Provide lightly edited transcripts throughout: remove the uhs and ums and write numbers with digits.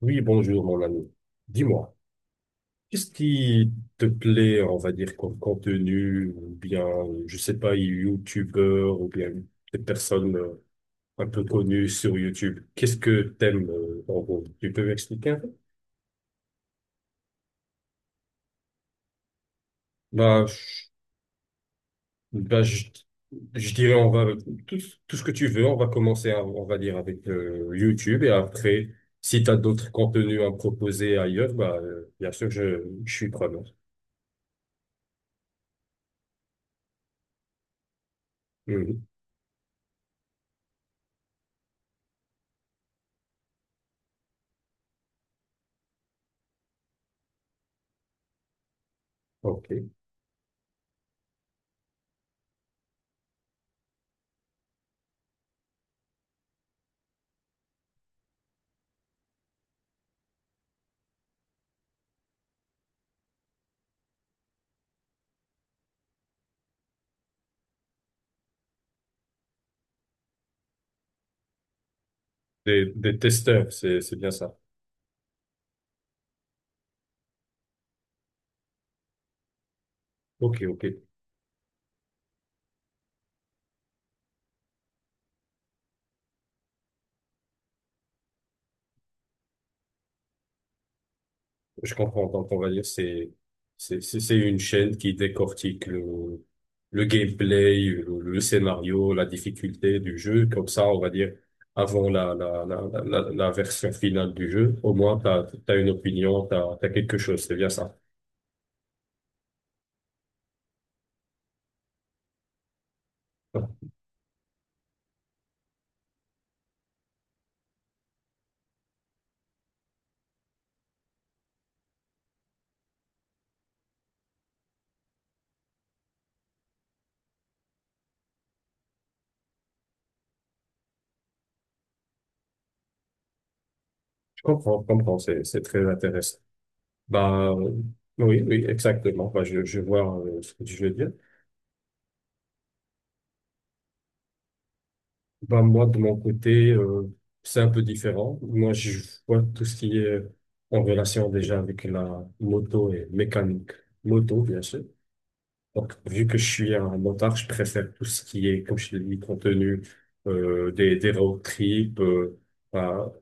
Oui, bonjour mon ami. Dis-moi, qu'est-ce qui te plaît, on va dire, comme contenu, ou bien, je sais pas, youtubeur, ou bien des personnes un peu connues sur YouTube? Qu'est-ce que t'aimes, en gros? Tu peux m'expliquer un peu? Bah, je, bah, je dirais, tout, tout ce que tu veux, on va commencer, on va dire, avec YouTube, et après, si tu as d'autres contenus à me proposer ailleurs, bah, bien sûr, je suis preneur. Mhm. Ok. Des testeurs, c'est bien ça. Ok, ok. Je comprends. Donc, on va dire, c'est une chaîne qui décortique le gameplay, le scénario, la difficulté du jeu. Comme ça, on va dire, avant la version finale du jeu, au moins, t'as une opinion, t'as quelque chose. C'est bien ça. Je comprends, je comprends. C'est très intéressant. Bah, oui, oui, exactement. Bah, je vois ce que je veux dire. Bah, moi, de mon côté, c'est un peu différent. Moi, je vois tout ce qui est en relation déjà avec la moto et mécanique. Moto, bien sûr. Donc, vu que je suis un motard, je préfère tout ce qui est, comme je l'ai dit, contenu, des road trips, bah,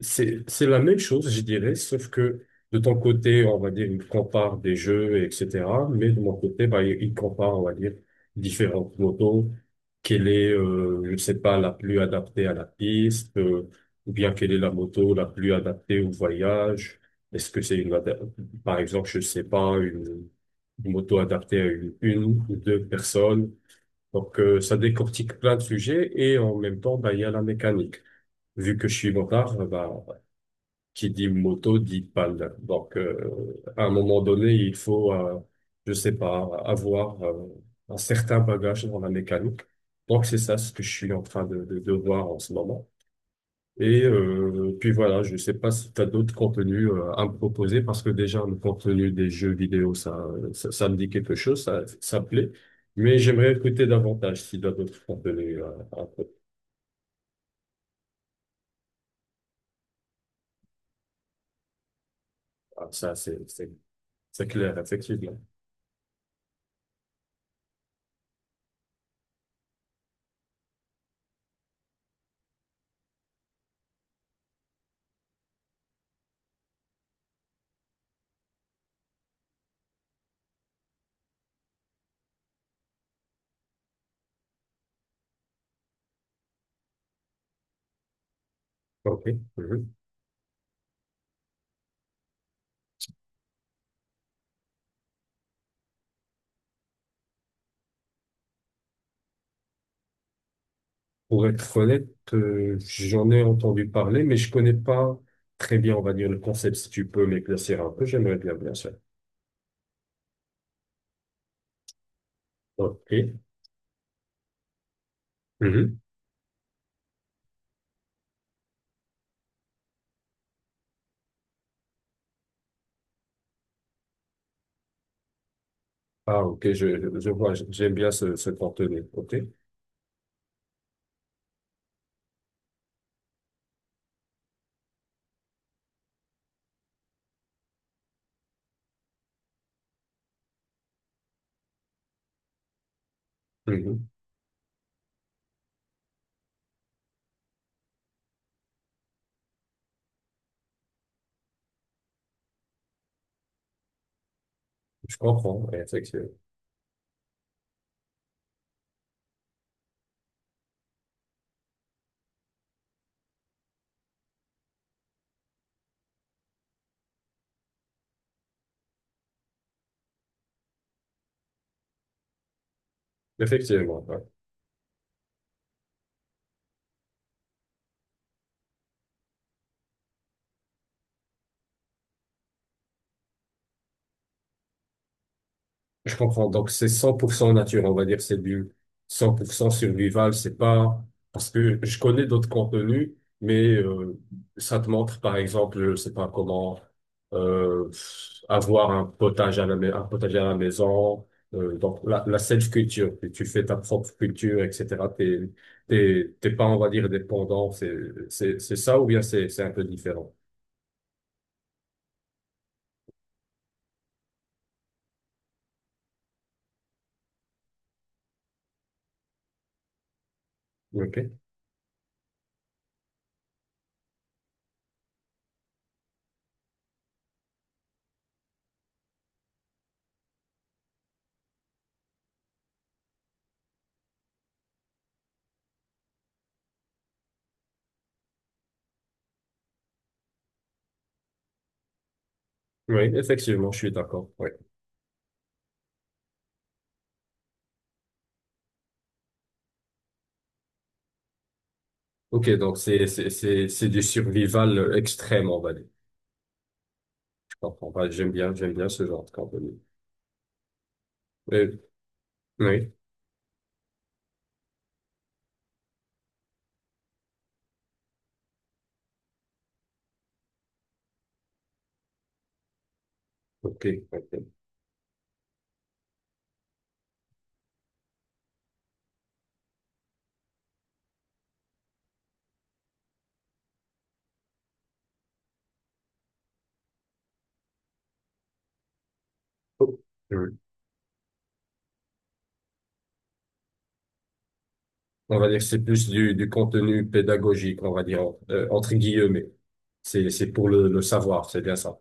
c'est la même chose, je dirais, sauf que de ton côté, on va dire, il compare des jeux, etc. Mais de mon côté, bah, il compare, on va dire, différentes motos. Quelle est, je ne sais pas, la plus adaptée à la piste, ou bien quelle est la moto la plus adaptée au voyage. Est-ce que c'est par exemple, je ne sais pas, une moto adaptée à une ou deux personnes. Donc, ça décortique plein de sujets et en même temps, bah, il y a la mécanique vu que je suis motard, bah, qui dit moto dit pale. Donc, à un moment donné, il faut, je sais pas, avoir un certain bagage dans la mécanique. Donc, c'est ça ce que je suis en train de voir en ce moment. Et puis voilà, je sais pas si tu as d'autres contenus à me proposer parce que déjà le contenu des jeux vidéo, ça me dit quelque chose, ça me plaît. Mais j'aimerais écouter davantage si tu as d'autres contenus, à me proposer. Ah, ça, c'est clair, effectivement. OK. Mhm. Pour être honnête, j'en ai entendu parler, mais je connais pas très bien, on va dire, le concept. Si tu peux m'éclaircir un peu, j'aimerais bien, bien sûr. OK. Mhm. Ah, OK, je vois, j'aime bien ce contenu. OK. Mhm. Je comprends, effectivement. Effectivement, ouais. Je comprends. Donc, c'est 100% nature, on va dire. C'est du 100% survival. C'est pas, parce que je connais d'autres contenus, mais ça te montre, par exemple, je sais pas comment euh, avoir un potager un potager à la maison. Donc, la self-culture, que tu fais ta propre culture, etc. T'es pas, on va dire, dépendant. C'est ça ou bien c'est un peu différent. OK. Oui, effectivement, je suis d'accord. Oui. Ok, donc c'est du survival extrême, on va dire. Je comprends pas. J'aime bien ce genre de contenu. Euh, oui, ok, ok. Oh, oui. On va dire que c'est plus du contenu pédagogique, on va dire entre guillemets. C'est pour le savoir, c'est bien ça.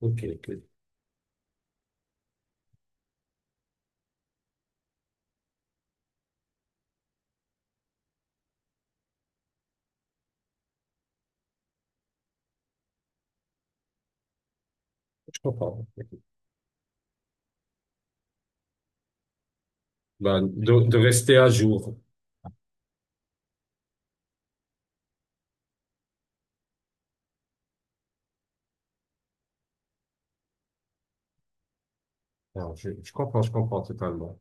Ok, ok. Je comprends. Bah, de rester à jour. Alors, je comprends, je comprends totalement.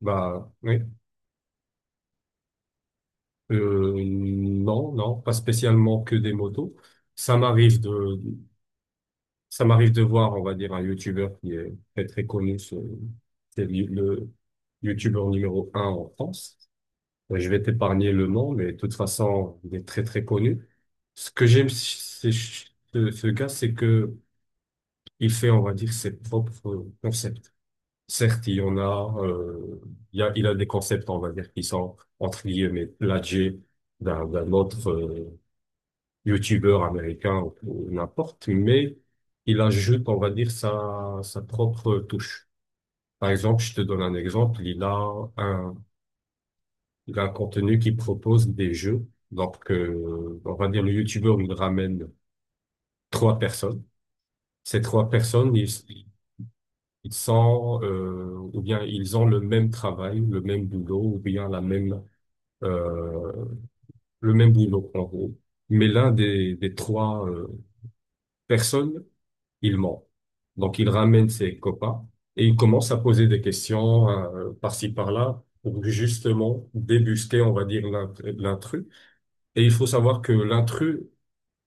Bah oui. Non, non, pas spécialement que des motos. Ça m'arrive de voir, on va dire, un YouTuber qui est très très connu, c'est le YouTuber numéro un en France. Je vais t'épargner le nom, mais de toute façon, il est très très connu. Ce que j'aime chez ce gars, c'est que il fait, on va dire, ses propres concepts. Certes, il y en a, il y a, il a des concepts, on va dire, qui sont entre guillemets plagiés d'un autre, youtubeur américain ou n'importe, mais il ajoute, on va dire, sa propre touche. Par exemple, je te donne un exemple, un, il a un contenu qui propose des jeux. Donc, on va dire, le youtubeur, il ramène trois personnes. Ces trois personnes, ils sont, ou bien ils ont le même travail, le même boulot, ou bien la même, euh, le même boulot, en gros. Mais l'un des trois personnes, il ment. Donc, il ramène ses copains et il commence à poser des questions, par-ci, par-là pour justement débusquer, on va dire, l'intrus. Et il faut savoir que l'intrus,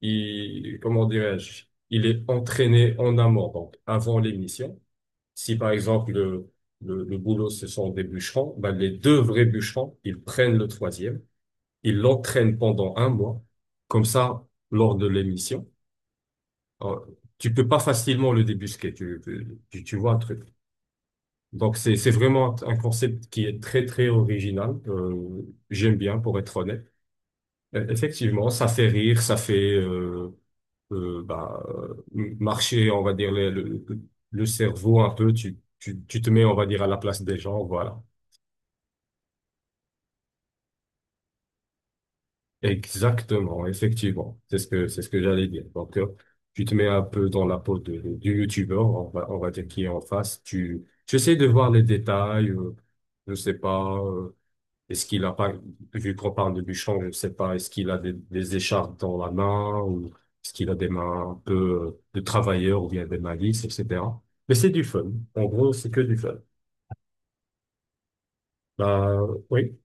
il, comment dirais-je, il est entraîné en amont, donc avant l'émission. Si, par exemple, le boulot, ce sont des bûcherons, ben, les deux vrais bûcherons, ils prennent le troisième, ils l'entraînent pendant un mois. Comme ça, lors de l'émission, oh, tu peux pas facilement le débusquer, tu vois un truc. Donc c'est vraiment un concept qui est très très original. J'aime bien pour être honnête. Effectivement, ça fait rire, ça fait bah, marcher, on va dire, le cerveau un peu. Tu te mets, on va dire, à la place des gens, voilà. Exactement, effectivement. C'est ce que j'allais dire. Donc, tu te mets un peu dans la peau du youtubeur, on va dire qui est en face. Tu essaies de voir les détails, je sais pas, est-ce qu'il a pas, vu qu'on parle de Bouchon, je sais pas, est-ce qu'il a des écharpes dans la main ou est-ce qu'il a des mains un peu de travailleur ou bien des malices, etc. Mais c'est du fun. En gros, c'est que du fun. Bah, oui.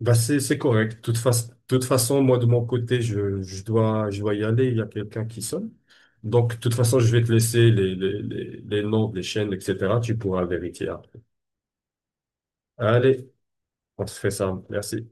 Bah c'est correct. De toute façon, moi de mon côté, je dois y aller. Il y a quelqu'un qui sonne. Donc de toute façon, je vais te laisser les noms des chaînes, etc. Tu pourras vérifier après. Allez, on se fait ça. Merci.